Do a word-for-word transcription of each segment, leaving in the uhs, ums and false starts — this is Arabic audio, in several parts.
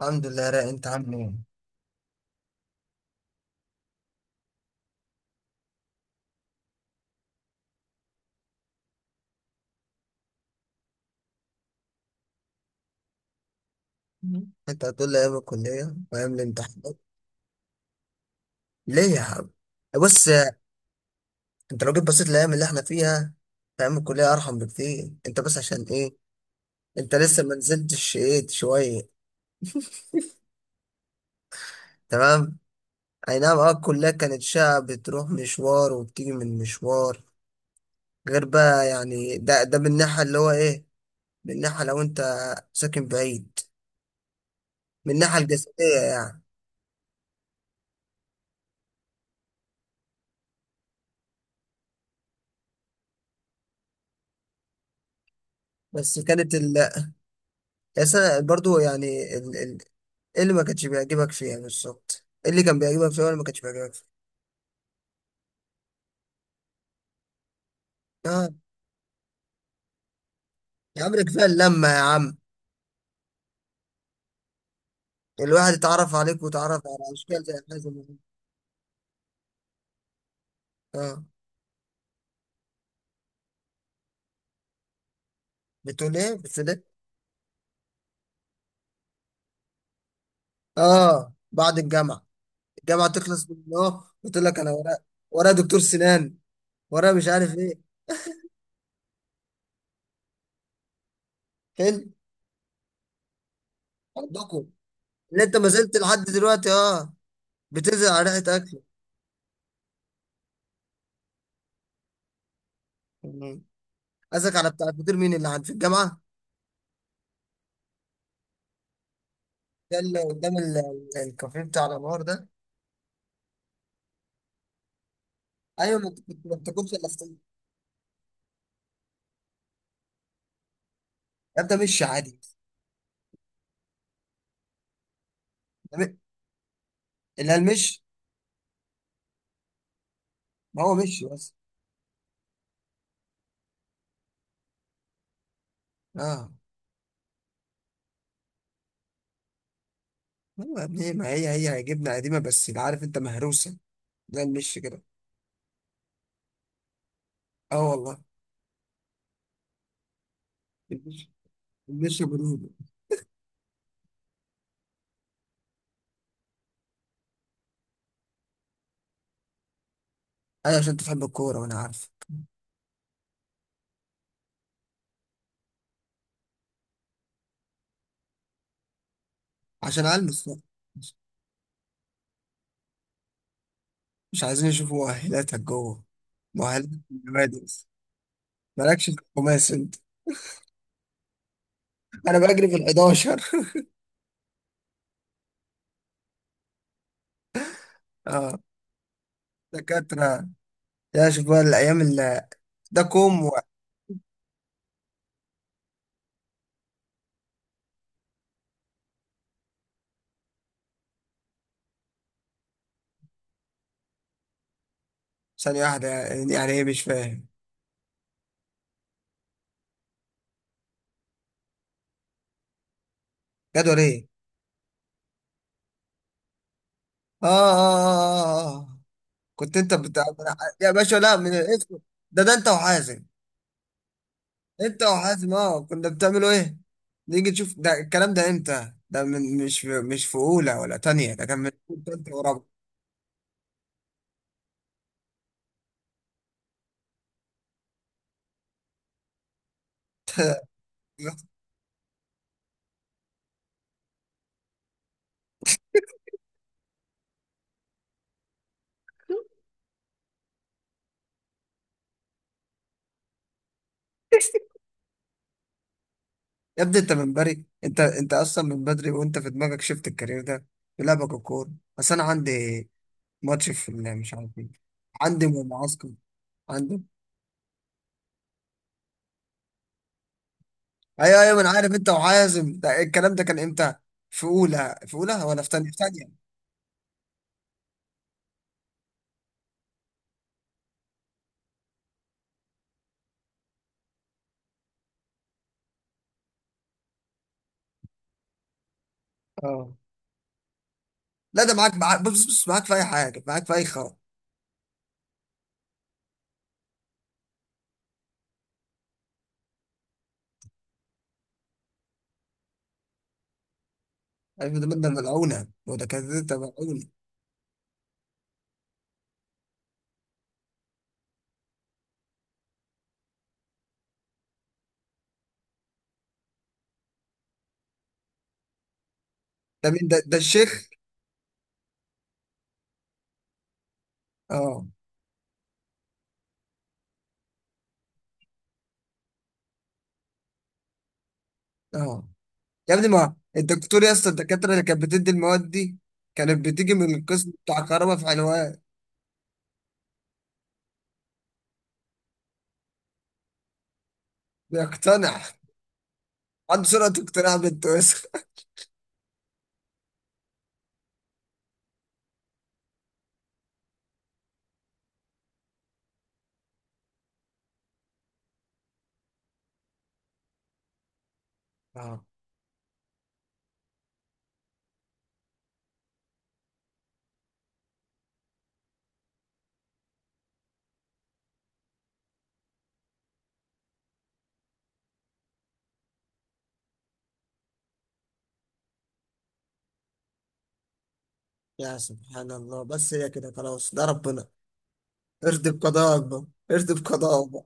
الحمد لله يا رايق، انت عامل ايه؟ مم. انت هتقول لي ايام الكليه وايام الامتحانات ليه يا حبيبي؟ بص، انت لو جيت بصيت الايام اللي احنا فيها، في ايام الكليه ارحم بكتير. انت بس عشان ايه؟ انت لسه ما نزلتش ايه شويه؟ تمام؟ اي نعم. اه الكليه كانت شقه، بتروح مشوار وبتيجي من مشوار، غير بقى يعني ده ده من الناحيه اللي هو ايه؟ من الناحيه لو انت ساكن بعيد، من الناحيه الجسديه يعني. بس كانت ال بس أنا برضو يعني ال- ال- ايه اللي ما كانش بيعجبك فيها بالظبط؟ ايه اللي كان بيعجبك فيها واللي ما كانش بيعجبك فيها؟ اه. يا عم ده كفايه اللمه يا عم، الواحد اتعرف عليك وتعرف على اشكال زي هذا. اه. بتقول ايه؟ بتقول ايه؟ اه، بعد الجامعه، الجامعه تخلص من اه، قلت لك انا ورا، ورا دكتور سنان، ورا مش عارف ايه. حلو. عندكم اللي انت ما زلت لحد دلوقتي اه بتنزل على ريحه اكل. مم. قصدك على بتاع الفطير، مين اللي عند في الجامعه؟ ده اللي قدام ال- ال- الكافيه بتاع الانوار ده؟ ايوه ما انت كنت ما بتاكلش الا فطير يا ابني، مشي عادي. يا ابني، اللي المشي، ما هو مشي بس. اه، هو يا ابني ما هي هي جبنه قديمه، بس اللي عارف انت مهروسه، ده المشي كده. اه والله. المشي، المشي برودة. ايوه عشان تحب الكوره وانا عارف. عشان البس بقى. مش مش عايزين يشوفوا مؤهلاتك جوه، مؤهلاتك في النوادي بس. مالكش في الخماس انت؟ انا بجري في ال الحداشر. اه دكاتره. يا شوف بقى الايام اللي، ده كوم. ثانية واحدة، يعني يعني ايه؟ مش فاهم. جدول ايه؟ آه، آه, آه, آه, آه آه. كنت انت بتاع، يا باشا لا من الاسم، ده ده انت وحازم. انت وحازم، اه كنا بتعملوا ايه؟ نيجي نشوف ده الكلام ده امتى؟ ده من، مش في مش في اولى ولا تانية؟ ده كان من، انت ورابعة. يا ابني انت من بري، انت انت اصلا من بدري وانت في دماغك شفت الكارير ده، في لعبك الكورة. بس انا عندي ماتش في ال- مش عارف ايه، عندي معسكر، عندي. ايوه ايوه ما انا عارف، انت وحازم ده الكلام ده كان امتى؟ في اولى؟ في اولى ولا في تانية؟ في تانية. اه. لا ده معاك، معاك، بص بص، معاك في اي حاجه، معاك في اي خرا. عارف ده ده ملعونه، وده كده ده ملعونه. ده مين ده؟ ده الشيخ؟ اه. اه يا ابني، ما الدكتور يا اسطى الدكاتره اللي كانت بتدي المواد دي كانت بتيجي من القسم بتاع كهرباء في حلوان. بيقتنع. عنده سرعه اقتناع بنت وسخ. اه يا سبحان الله، بس هي كده خلاص، ده ربنا. ارضي بقضاء اكبر. ارضي بقضاء اكبر.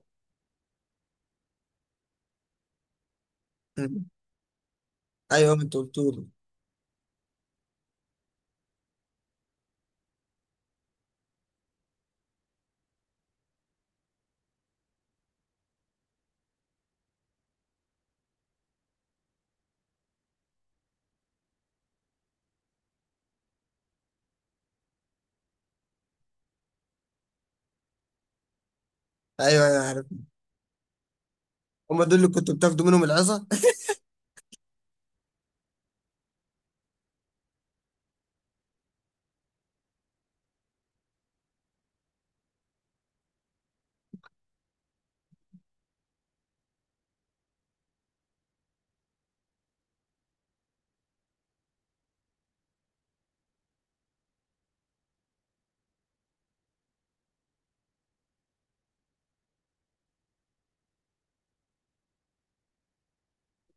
ايوه ما انت قلتولي. ايوه ايوه عارف. هما دول اللي كنت بتاخدوا منهم العظه؟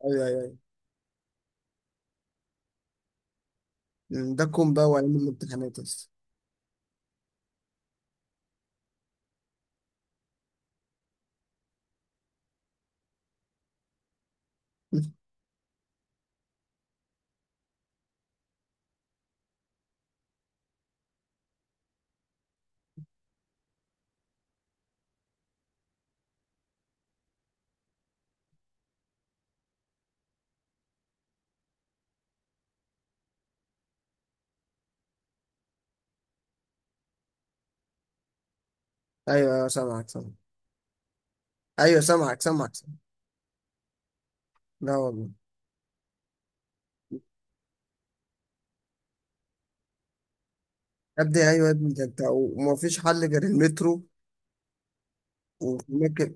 ايوه ايوه ايوه. مم، ده كوم بقى، وعلم الامتحانات بس. ايوه ايوه سامعك سامعك. ايوه سامعك سامعك سامعك. لا والله. يا ابني ايوه يا ابني، ده انت وما فيش حل غير المترو وممكن.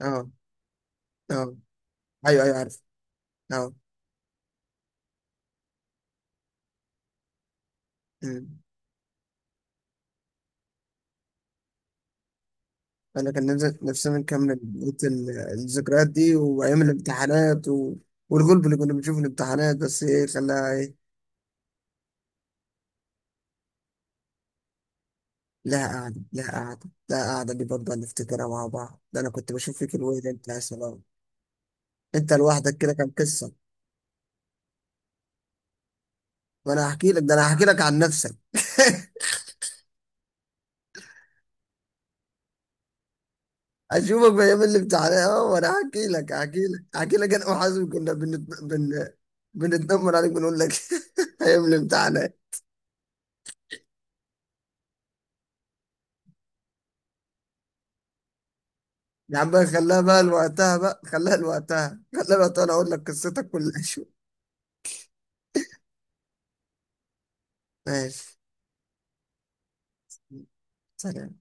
اه. اه ايوه ايوه عارف. اه. مم. انا كان نفسي، نفسنا نكمل بقية ال- الذكريات دي، وايام الامتحانات و... والغلب اللي كنا بنشوفه في الامتحانات. بس ايه خلاها؟ لا قعدة، لا قعدة، لا قعدة دي برضه نفتكرها مع بعض. ده أنا كنت بشوف فيك الويل أنت، يا سلام. أنت لوحدك كده كان قصة. وأنا هحكي لك، ده أنا هحكي لك عن نفسك. أشوفك في أيام الامتحانات أه. وأنا هحكي لك، هحكي لك، هحكي لك. أنا وحازم كنا بنت... بن... بنتنمر عليك، بنقول لك. أيام الامتحانات. يا عم بقى خلاها بقى لوقتها، بقى خلاها لوقتها، خلاها لوقتها. أنا أقول لك قصتك كلها شو. ماشي. سلام.